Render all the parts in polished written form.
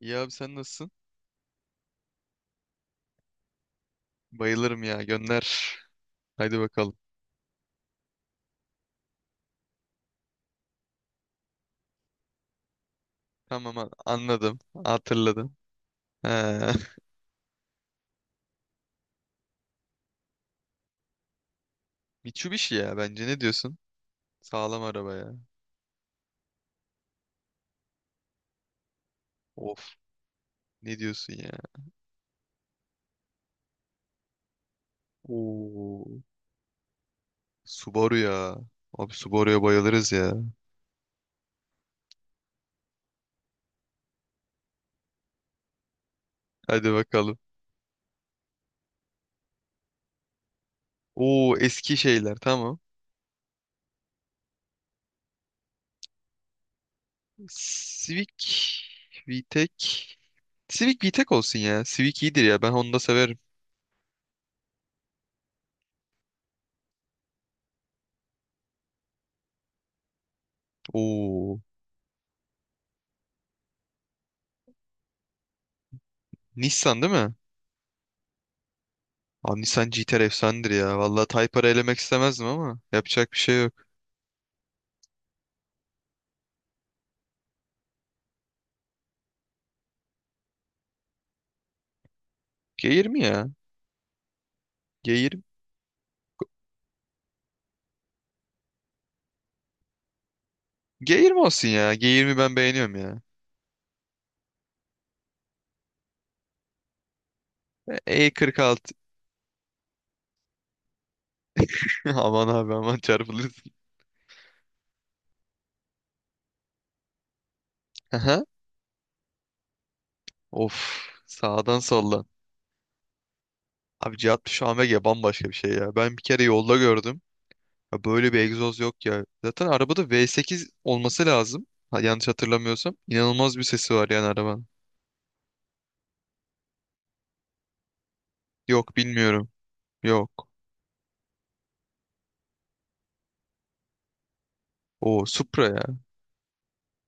İyi abi sen nasılsın? Bayılırım ya gönder. Haydi bakalım. Tamam anladım. Hatırladım. He. Mitsubishi ya bence ne diyorsun? Sağlam araba ya. Of, ne diyorsun ya? Oo. Subaru ya. Abi Subaru'ya bayılırız ya. Hadi bakalım. Oo, eski şeyler tamam. Civic VTEC. Civic VTEC olsun ya. Civic iyidir ya, ben Honda severim. Oo. Nissan değil mi? Abi Nissan GT-R efsanedir ya. Vallahi Type-R'ı elemek istemezdim ama yapacak bir şey yok. G20 ya. G20. G20 olsun ya. G20 ben beğeniyorum ya. E46. Aman abi aman çarpılırsın. Aha. Of. Sağdan soldan. Abi C60 AMG bambaşka bir şey ya. Ben bir kere yolda gördüm. Ya böyle bir egzoz yok ya. Zaten arabada V8 olması lazım. Ha, yanlış hatırlamıyorsam. İnanılmaz bir sesi var yani arabanın. Yok, bilmiyorum. Yok. O Supra ya.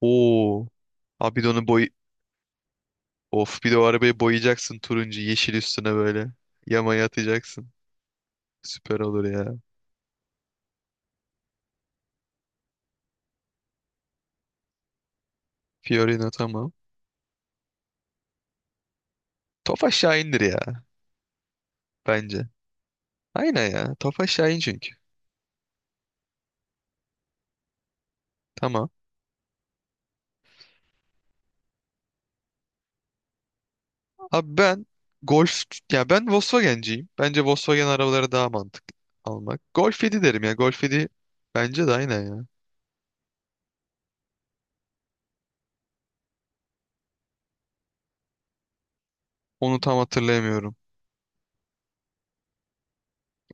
Oo. Abi bir de onun boyu. Of, bir de o arabayı boyayacaksın turuncu yeşil üstüne böyle. Yamaya atacaksın. Süper olur ya. Fiorino tamam. Tofaş Şahin'dir ya bence. Aynen ya. Tofaş Şahin çünkü. Tamam. Abi ben Golf, ya ben Volkswagen'ciyim. Bence Volkswagen arabaları daha mantıklı almak. Golf 7 derim ya. Golf 7 bence de aynen ya. Onu tam hatırlayamıyorum.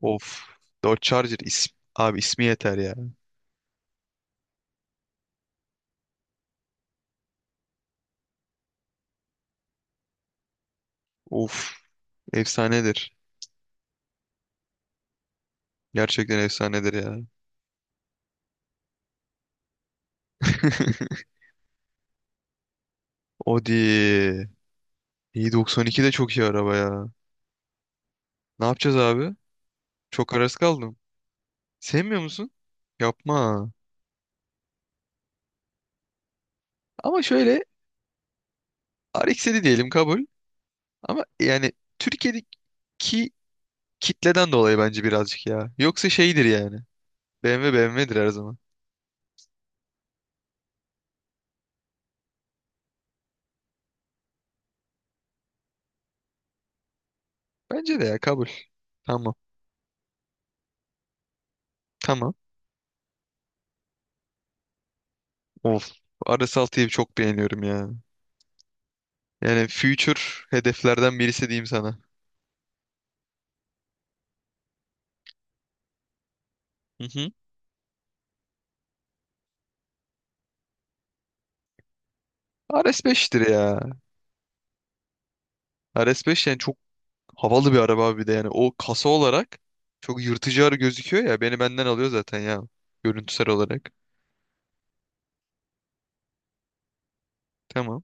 Of. Dodge Charger ismi. Abi ismi yeter ya. Of. Efsanedir. Gerçekten efsanedir ya. Audi. İyi, 92 de çok iyi araba ya. Ne yapacağız abi? Çok arası kaldım. Sevmiyor musun? Yapma. Ama şöyle RX-7 diyelim, kabul. Ama yani Türkiye'deki kitleden dolayı bence birazcık ya. Yoksa şeydir yani. BMW BMW'dir her zaman. Bence de ya, kabul. Tamam. Tamam. Of. R S altıyı çok beğeniyorum ya. Yani future hedeflerden birisi diyeyim sana. Hı hı. RS5'tir ya. R S beş yani çok havalı bir araba abi bir de yani. O kasa olarak çok yırtıcı arı gözüküyor ya. Beni benden alıyor zaten ya. Görüntüsel olarak. Tamam.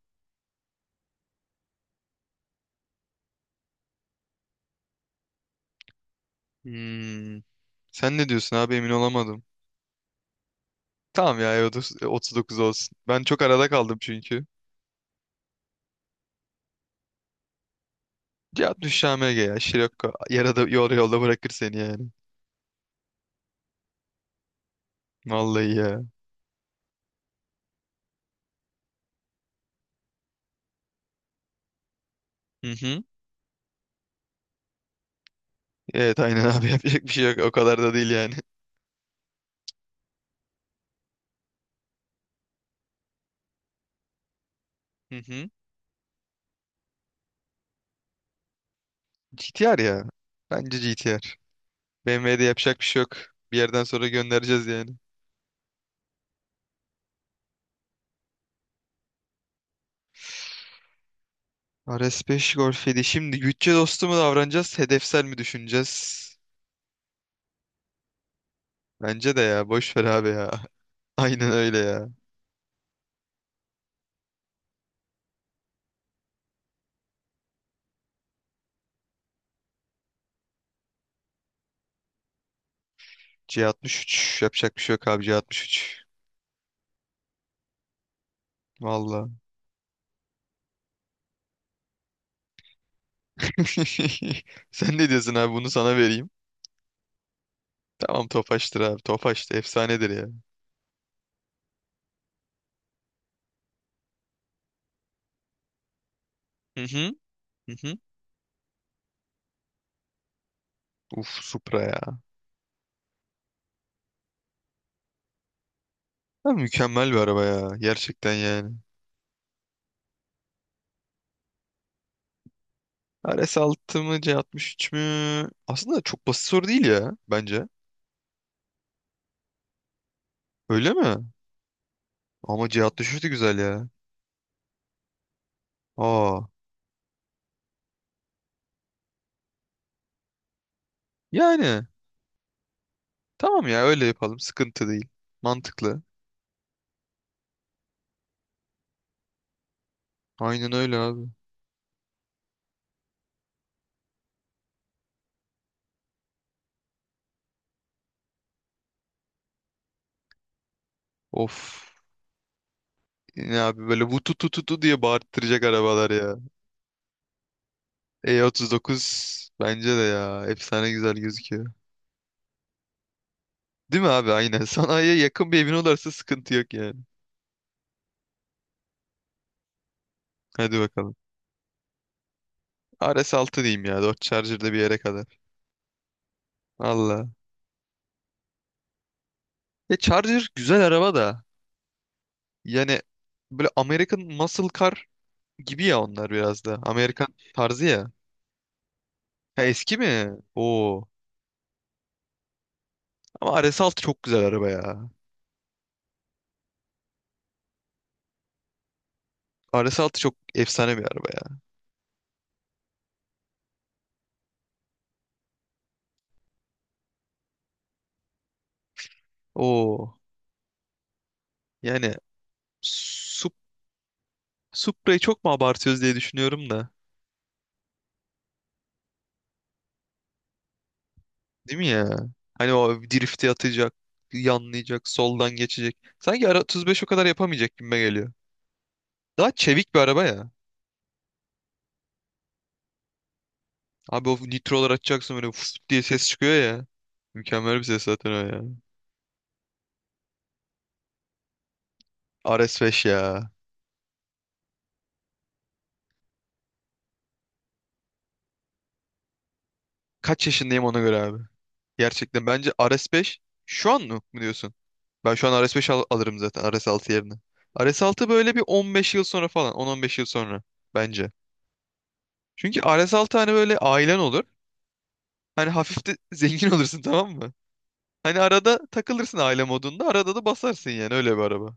Hmm. Sen ne diyorsun abi, emin olamadım. Tamam ya, E30 39 olsun. Ben çok arada kaldım çünkü. Ya düş ya. Şirokko. Yarada, yolda bırakır seni yani. Vallahi ya. Hı hı. Evet aynen abi yapacak bir şey yok. O kadar da değil yani. Hı hı. GTR ya. Bence GTR. BMW'de yapacak bir şey yok. Bir yerden sonra göndereceğiz yani. RS5 Golf 7. Şimdi bütçe dostu mu davranacağız, hedefsel mi düşüneceğiz? Bence de ya. Boş ver abi ya. Aynen öyle ya. C63, yapacak bir şey yok abi, C63. Valla. Sen ne diyorsun abi, bunu sana vereyim. Tamam, Tofaş'tır abi. Tofaş da efsanedir ya. Hı hı. Hı hı. Uf Supra ya. Ha, mükemmel bir araba ya. Gerçekten yani. RS6 mı C63 mü? Aslında çok basit soru değil ya bence. Öyle mi? Ama C63 de güzel ya. Aa. Yani tamam ya, öyle yapalım. Sıkıntı değil. Mantıklı. Aynen öyle abi. Of. Ne abi böyle vutu tu tu tu diye bağırttıracak arabalar ya. E39 bence de ya. Efsane güzel gözüküyor. Değil mi abi? Aynen. Sanayiye yakın bir evin olursa sıkıntı yok yani. Hadi bakalım. RS altı diyeyim ya. Dodge Charger'da bir yere kadar. Valla. E Charger güzel araba da. Yani böyle American Muscle Car gibi ya onlar biraz da. Amerikan tarzı ya. Ha, eski mi? Oo. Ama RS6 çok güzel araba ya. RS altı çok efsane bir araba ya. Oo. Yani Sup Supra'yı çok mu abartıyoruz diye düşünüyorum da. Değil mi ya? Hani o drifti atacak, yanlayacak, soldan geçecek. Sanki ara 35 o kadar yapamayacak gibime geliyor. Daha çevik bir araba ya. Abi o nitrolar açacaksın böyle fıs diye ses çıkıyor ya. Mükemmel bir ses zaten o ya. RS5 ya. Kaç yaşındayım ona göre abi. Gerçekten bence Ares 5 şu an mı diyorsun? Ben şu an Ares 5 alırım zaten Ares 6 yerine. Ares 6 böyle bir 15 yıl sonra falan 10-15 yıl sonra bence. Çünkü Ares 6 hani böyle ailen olur. Hani hafif de zengin olursun, tamam mı? Hani arada takılırsın aile modunda, arada da basarsın yani, öyle bir araba.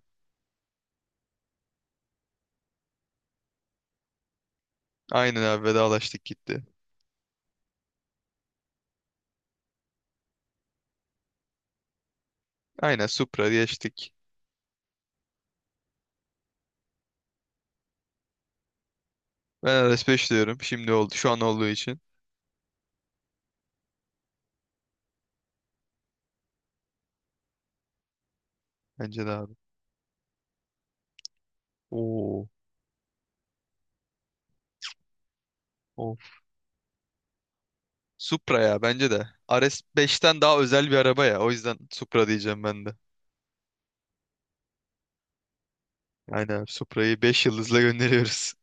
Aynen abi, vedalaştık gitti. Aynen Supra geçtik. Ben Ares 5 diyorum, şimdi oldu şu an olduğu için. Bence de abi. Oo. Supra ya bence de. RS beşten daha özel bir araba ya. O yüzden Supra diyeceğim ben de. Aynen abi, Supra'yı 5 yıldızla gönderiyoruz.